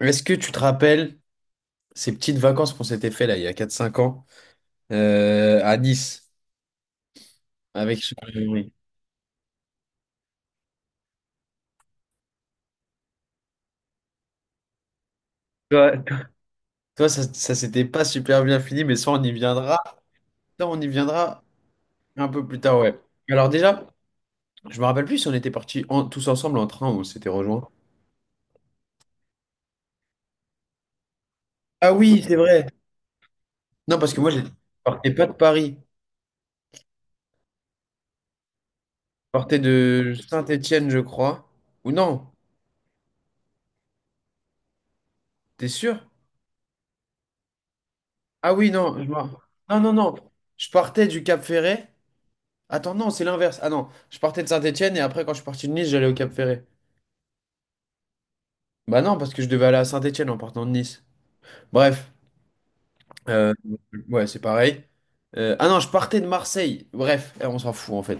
Est-ce que tu te rappelles ces petites vacances qu'on s'était fait là il y a 4 5 ans à Nice avec. Oui. Toi, toi ça, ça s'était pas super bien fini mais ça on y viendra. Ça on y viendra un peu plus tard, ouais. Alors déjà je me rappelle plus si on était partis tous ensemble en train ou on s'était rejoints. Ah oui c'est vrai. Non parce que moi je partais pas de Paris, je partais de Saint-Étienne je crois. Ou non, t'es sûr? Ah oui non je m'en- non non non, je partais du Cap Ferret. Attends, non, c'est l'inverse. Ah non, je partais de Saint-Étienne et après, quand je suis parti de Nice, j'allais au Cap Ferré. Bah non, parce que je devais aller à Saint-Étienne en partant de Nice. Bref, euh, ouais, c'est pareil. Ah non, je partais de Marseille. Bref, on s'en fout en fait.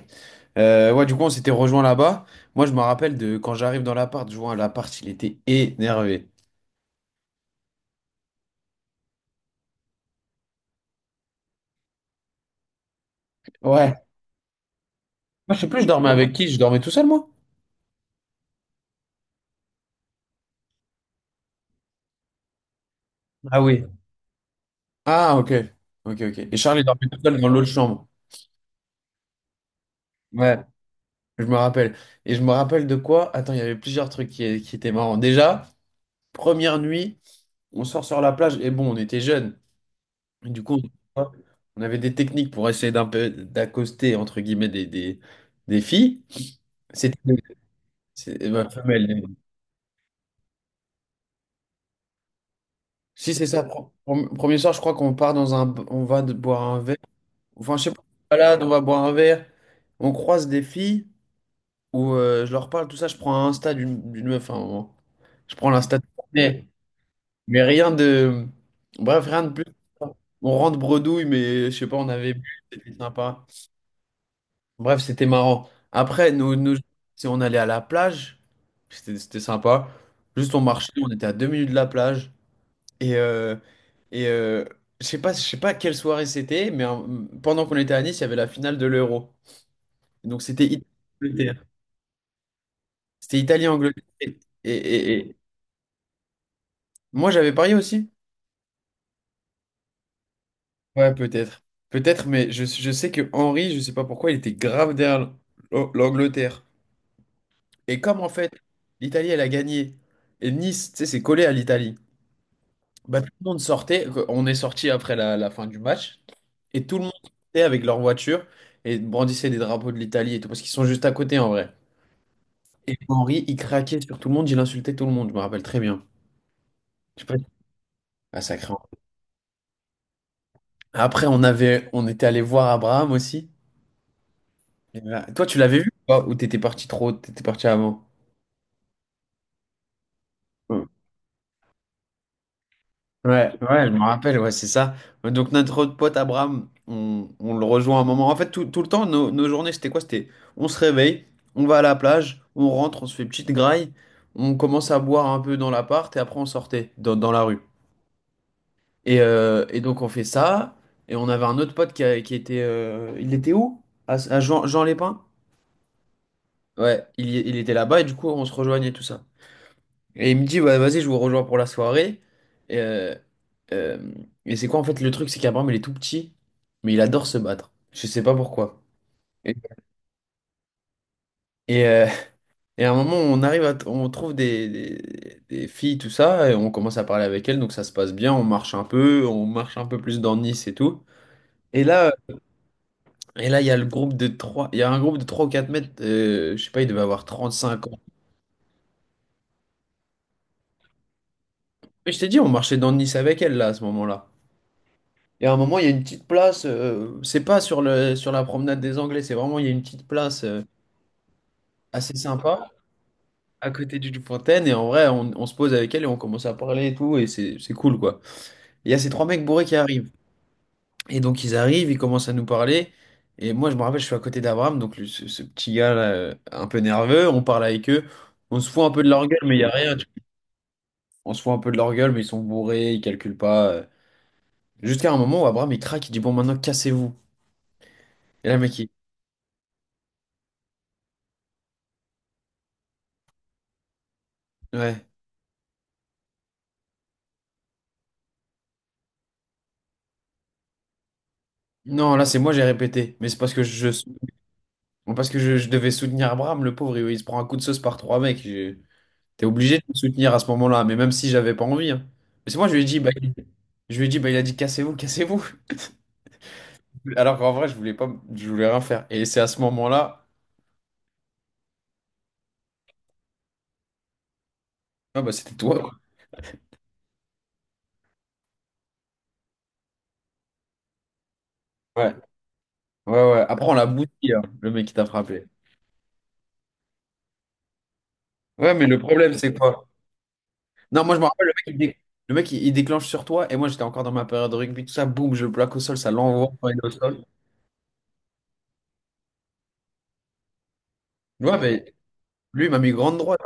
Ouais, du coup, on s'était rejoint là-bas. Moi, je me rappelle de quand j'arrive dans l'appart, je vois l'appart, il était énervé. Ouais. Moi, je sais plus, je dormais avec qui? Je dormais tout seul, moi? Ah oui. Ah, ok. Ok, ok. Et Charles, il dormait tout seul dans l'autre chambre. Ouais. Je me rappelle. Et je me rappelle de quoi? Attends, il y avait plusieurs trucs qui étaient marrants. Déjà, première nuit, on sort sur la plage. Et bon, on était jeunes. Et du coup, on on avait des techniques pour essayer d'un peu d'accoster, entre guillemets, des filles. C'était Bah, femelle. Bon. Si c'est ça, premier soir, je crois qu'on part dans un... On va de boire un verre. Enfin, je sais pas, on se balade, on va boire un verre. On croise des filles où je leur parle, tout ça. Je prends un Insta d'une meuf à un moment. Je prends l'Insta de... Mais rien de. Bref, rien de plus. On rentre bredouille, mais je sais pas, on avait bu, c'était sympa. Bref, c'était marrant. Après, si on allait à la plage, c'était sympa. Juste, on marchait, on était à 2 minutes de la plage. Et, euh, et euh, je sais pas, quelle soirée c'était, mais pendant qu'on était à Nice, il y avait la finale de l'Euro. Donc, c'était Italie-Angleterre. C'était Italie-Angleterre. Et moi, j'avais parié aussi. Ouais, peut-être. Peut-être, mais je sais que Henry, je sais pas pourquoi, il était grave derrière l'Angleterre. Et comme en fait, l'Italie, elle a gagné, et Nice, tu sais, c'est collé à l'Italie, bah, tout le monde sortait, on est sorti après la fin du match, et tout le monde sortait avec leur voiture et brandissait des drapeaux de l'Italie et tout, parce qu'ils sont juste à côté en vrai. Et Henry, il craquait sur tout le monde, il insultait tout le monde, je me rappelle très bien. Je sais pas. Ah, sacré. Après, on avait, on était allé voir Abraham aussi. Et là, toi, tu l'avais vu ou pas? Ou t'étais parti trop, t'étais parti avant? Mm. Ouais, ouais, je me rappelle, ouais, c'est ça. Donc notre autre pote Abraham, on le rejoint un moment. En fait, tout le temps, nos journées, c'était quoi? C'était on se réveille, on va à la plage, on rentre, on se fait petite graille, on commence à boire un peu dans l'appart et après on sortait dans la rue. Et donc on fait ça. Et on avait un autre pote qui était... il était où? À Jean, Jean Lépin? Ouais, il était là-bas et du coup on se rejoignait tout ça. Et il me dit, ouais, vas-y, je vous rejoins pour la soirée. Et, euh, euh, et c'est quoi en fait le truc? C'est qu'Abraham, il est tout petit, mais il adore se battre. Je sais pas pourquoi. Et, et, euh, et à un moment, on arrive à, t- on trouve des filles, tout ça, et on commence à parler avec elles, donc ça se passe bien. On marche un peu, on marche un peu plus dans Nice et tout. Et là, euh, et là, il y a le groupe de trois, il y a un groupe de 3 ou 4 mètres, je sais pas, il devait avoir 35 ans. Mais je t'ai dit, on marchait dans Nice avec elles là à ce moment-là. Et à un moment, il y a une petite place, c'est pas sur la promenade des Anglais, c'est vraiment, il y a une petite place assez sympa à côté d'une fontaine. Et en vrai, on se pose avec elle et on commence à parler et tout. Et c'est cool, quoi. Et il y a ces trois mecs bourrés qui arrivent. Et donc, ils arrivent, ils commencent à nous parler. Et moi, je me rappelle, je suis à côté d'Abraham, donc ce petit gars là, un peu nerveux. On parle avec eux. On se fout un peu de leur gueule, mais il y a rien. Tu On se fout un peu de leur gueule, mais ils sont bourrés, ils calculent pas. Jusqu'à un moment où Abraham, il craque, il dit, bon, maintenant, cassez-vous. Et là, le mec, il... Ouais. Non, là, c'est moi, j'ai répété. Mais c'est parce que je, je devais soutenir Abraham, le pauvre, il se prend un coup de sauce par trois mecs. Je- T'es obligé de le soutenir à ce moment-là, mais même si j'avais pas envie, hein. Mais c'est moi, je lui ai dit, bah, je lui ai dit, bah, il a dit, cassez-vous, cassez-vous. Alors qu'en vrai, je voulais pas, je voulais rien faire. Et c'est à ce moment-là, ah, bah, c'était toi, quoi. Ouais, ouais, ouais. Après, on l'a bouti, hein, le mec qui t'a frappé. Ouais, mais le problème, c'est quoi? Non, moi, je me rappelle, le mec, il déclenche sur toi, et moi, j'étais encore dans ma période de rugby, tout ça, boum, je le plaque au sol, ça l'envoie quand il est au sol. Ouais, mais lui, il m'a mis grande droite.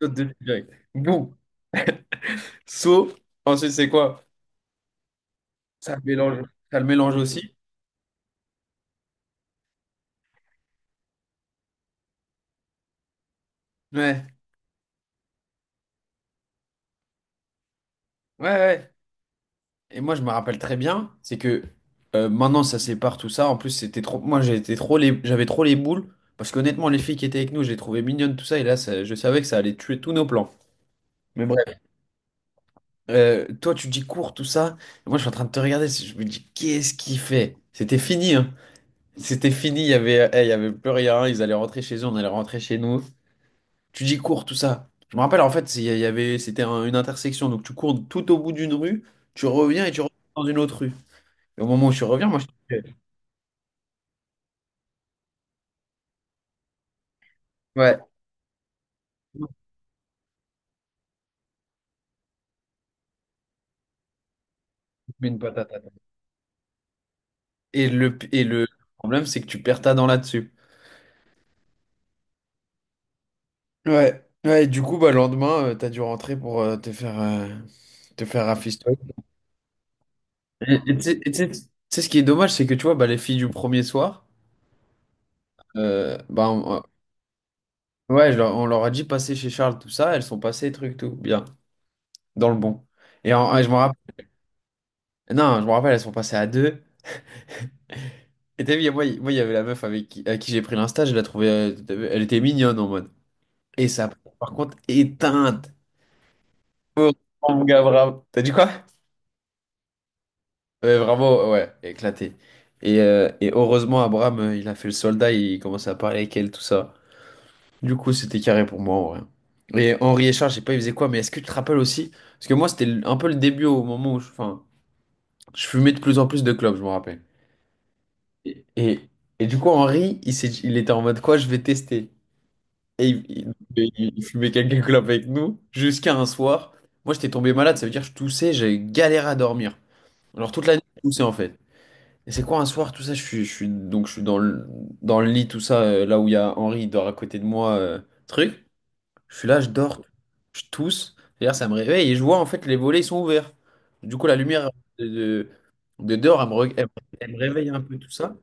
Saute de direct. Boum. Saut. Ensuite, c'est quoi? Ça le mélange. Ça le mélange aussi. Ouais. Ouais, ouais. Et moi, je me rappelle très bien, c'est que maintenant, ça sépare tout ça. En plus, c'était trop. Moi, j'étais trop les... j'avais trop les boules. Parce qu'honnêtement, les filles qui étaient avec nous, je les trouvais mignonnes, tout ça. Et là, ça- je savais que ça allait tuer tous nos plans. Mais bref. Toi, tu dis cours, tout ça. Et moi, je suis en train de te regarder. Je me dis, qu'est-ce qu'il fait? C'était fini, hein. C'était fini. Il y avait... il y avait plus rien. Ils allaient rentrer chez eux, on allait rentrer chez nous. Tu dis cours, tout ça. Je me rappelle, en fait, il y avait, c'était une intersection. Donc, tu cours tout au bout d'une rue, tu reviens et tu reviens dans une autre rue. Et au moment où tu reviens, moi, je te. Ouais. Une patate. Et le problème, c'est que tu perds ta dent là-dessus. Ouais. Ouais, et du coup, bah, le lendemain, tu t'as dû rentrer pour te faire rafistoler. Tu sais ce qui est dommage, c'est que tu vois, bah, les filles du premier soir, bah, ouais, on leur a dit passer chez Charles, tout ça, elles sont passées, truc, tout, bien, dans le bon. Et je me rappelle, non, je me rappelle, elles sont passées à deux. Et t'as vu, y a- moi, il y avait la meuf avec qui, à qui j'ai pris l'insta, je la trouvais, t'as vu, elle était mignonne en mode. Et ça, par contre, éteinte. Oh, mon gars, Abraham. T'as dit quoi? Ouais, vraiment, ouais, éclaté. Et heureusement, Abraham, il a fait le soldat, il commençait à parler avec elle, tout ça. Du coup, c'était carré pour moi, en vrai. Et Henri et Charles, je sais pas, ils faisaient quoi, mais est-ce que tu te rappelles aussi? Parce que moi, un peu le début au moment où je fumais de plus en plus de clopes, je me rappelle. Et, et, et du coup, Henri, il était en mode quoi, je vais tester. Et il fumait quelques clopes avec nous jusqu'à un soir. Moi, j'étais tombé malade, ça veut dire que je toussais, j'avais galéré à dormir. Alors toute la nuit, je toussais en fait. Et c'est quoi un soir, tout ça, donc je suis dans le lit, tout ça, là où il y a Henri, il dort à côté de moi, truc. Je suis là, je dors, je tousse. D'ailleurs, ça me réveille et je vois en fait les volets, ils sont ouverts. Du coup, la lumière de, de, de dehors, elle me, re- elle me réveille un peu, tout ça.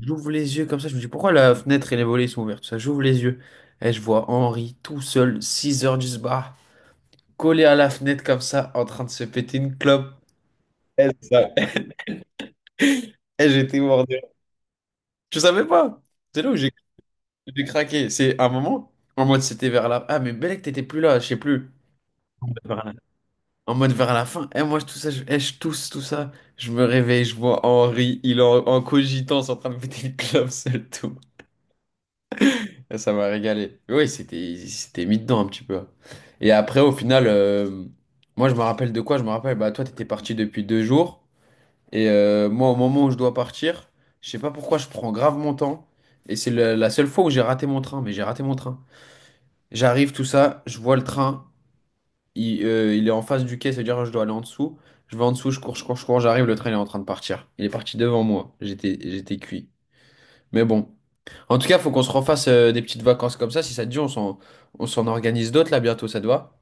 J'ouvre les yeux comme ça, je me dis pourquoi la fenêtre et les volets sont ouverts, tout ça. J'ouvre les yeux et je vois Henri tout seul, 6 heures du bar, collé à la fenêtre comme ça, en train de se péter une clope. Et ça- et j'étais mort de rire. Tu savais pas? C'est là où j'ai craqué. C'est un moment, en mode c'était vers la... Ah, mais Belek, t'étais plus là, je sais plus. Vers la... En mode vers la fin. Et moi, tout ça, je tousse, tout ça. Je me réveille, je vois Henri, il est en, en cogitant, en train de péter une clope seul, tout. Ah, ça m'a régalé. Oui, c'était mis dedans un petit peu. Et après, au final, moi, je me rappelle de quoi? Je me rappelle, bah, toi, t'étais parti depuis 2 jours. Et moi, au moment où je dois partir, je sais pas pourquoi, je prends grave mon temps. Et c'est la seule fois où j'ai raté mon train, mais j'ai raté mon train. J'arrive, tout ça, je vois le train, il est en face du quai, c'est-à-dire je dois aller en dessous. Je vais en dessous, je cours, je cours, je cours, j'arrive, le train il est en train de partir. Il est parti devant moi. J'étais cuit. Mais bon. En tout cas, faut qu'on se refasse des petites vacances comme ça. Si ça te dit, on s'en organise d'autres là bientôt, ça te va?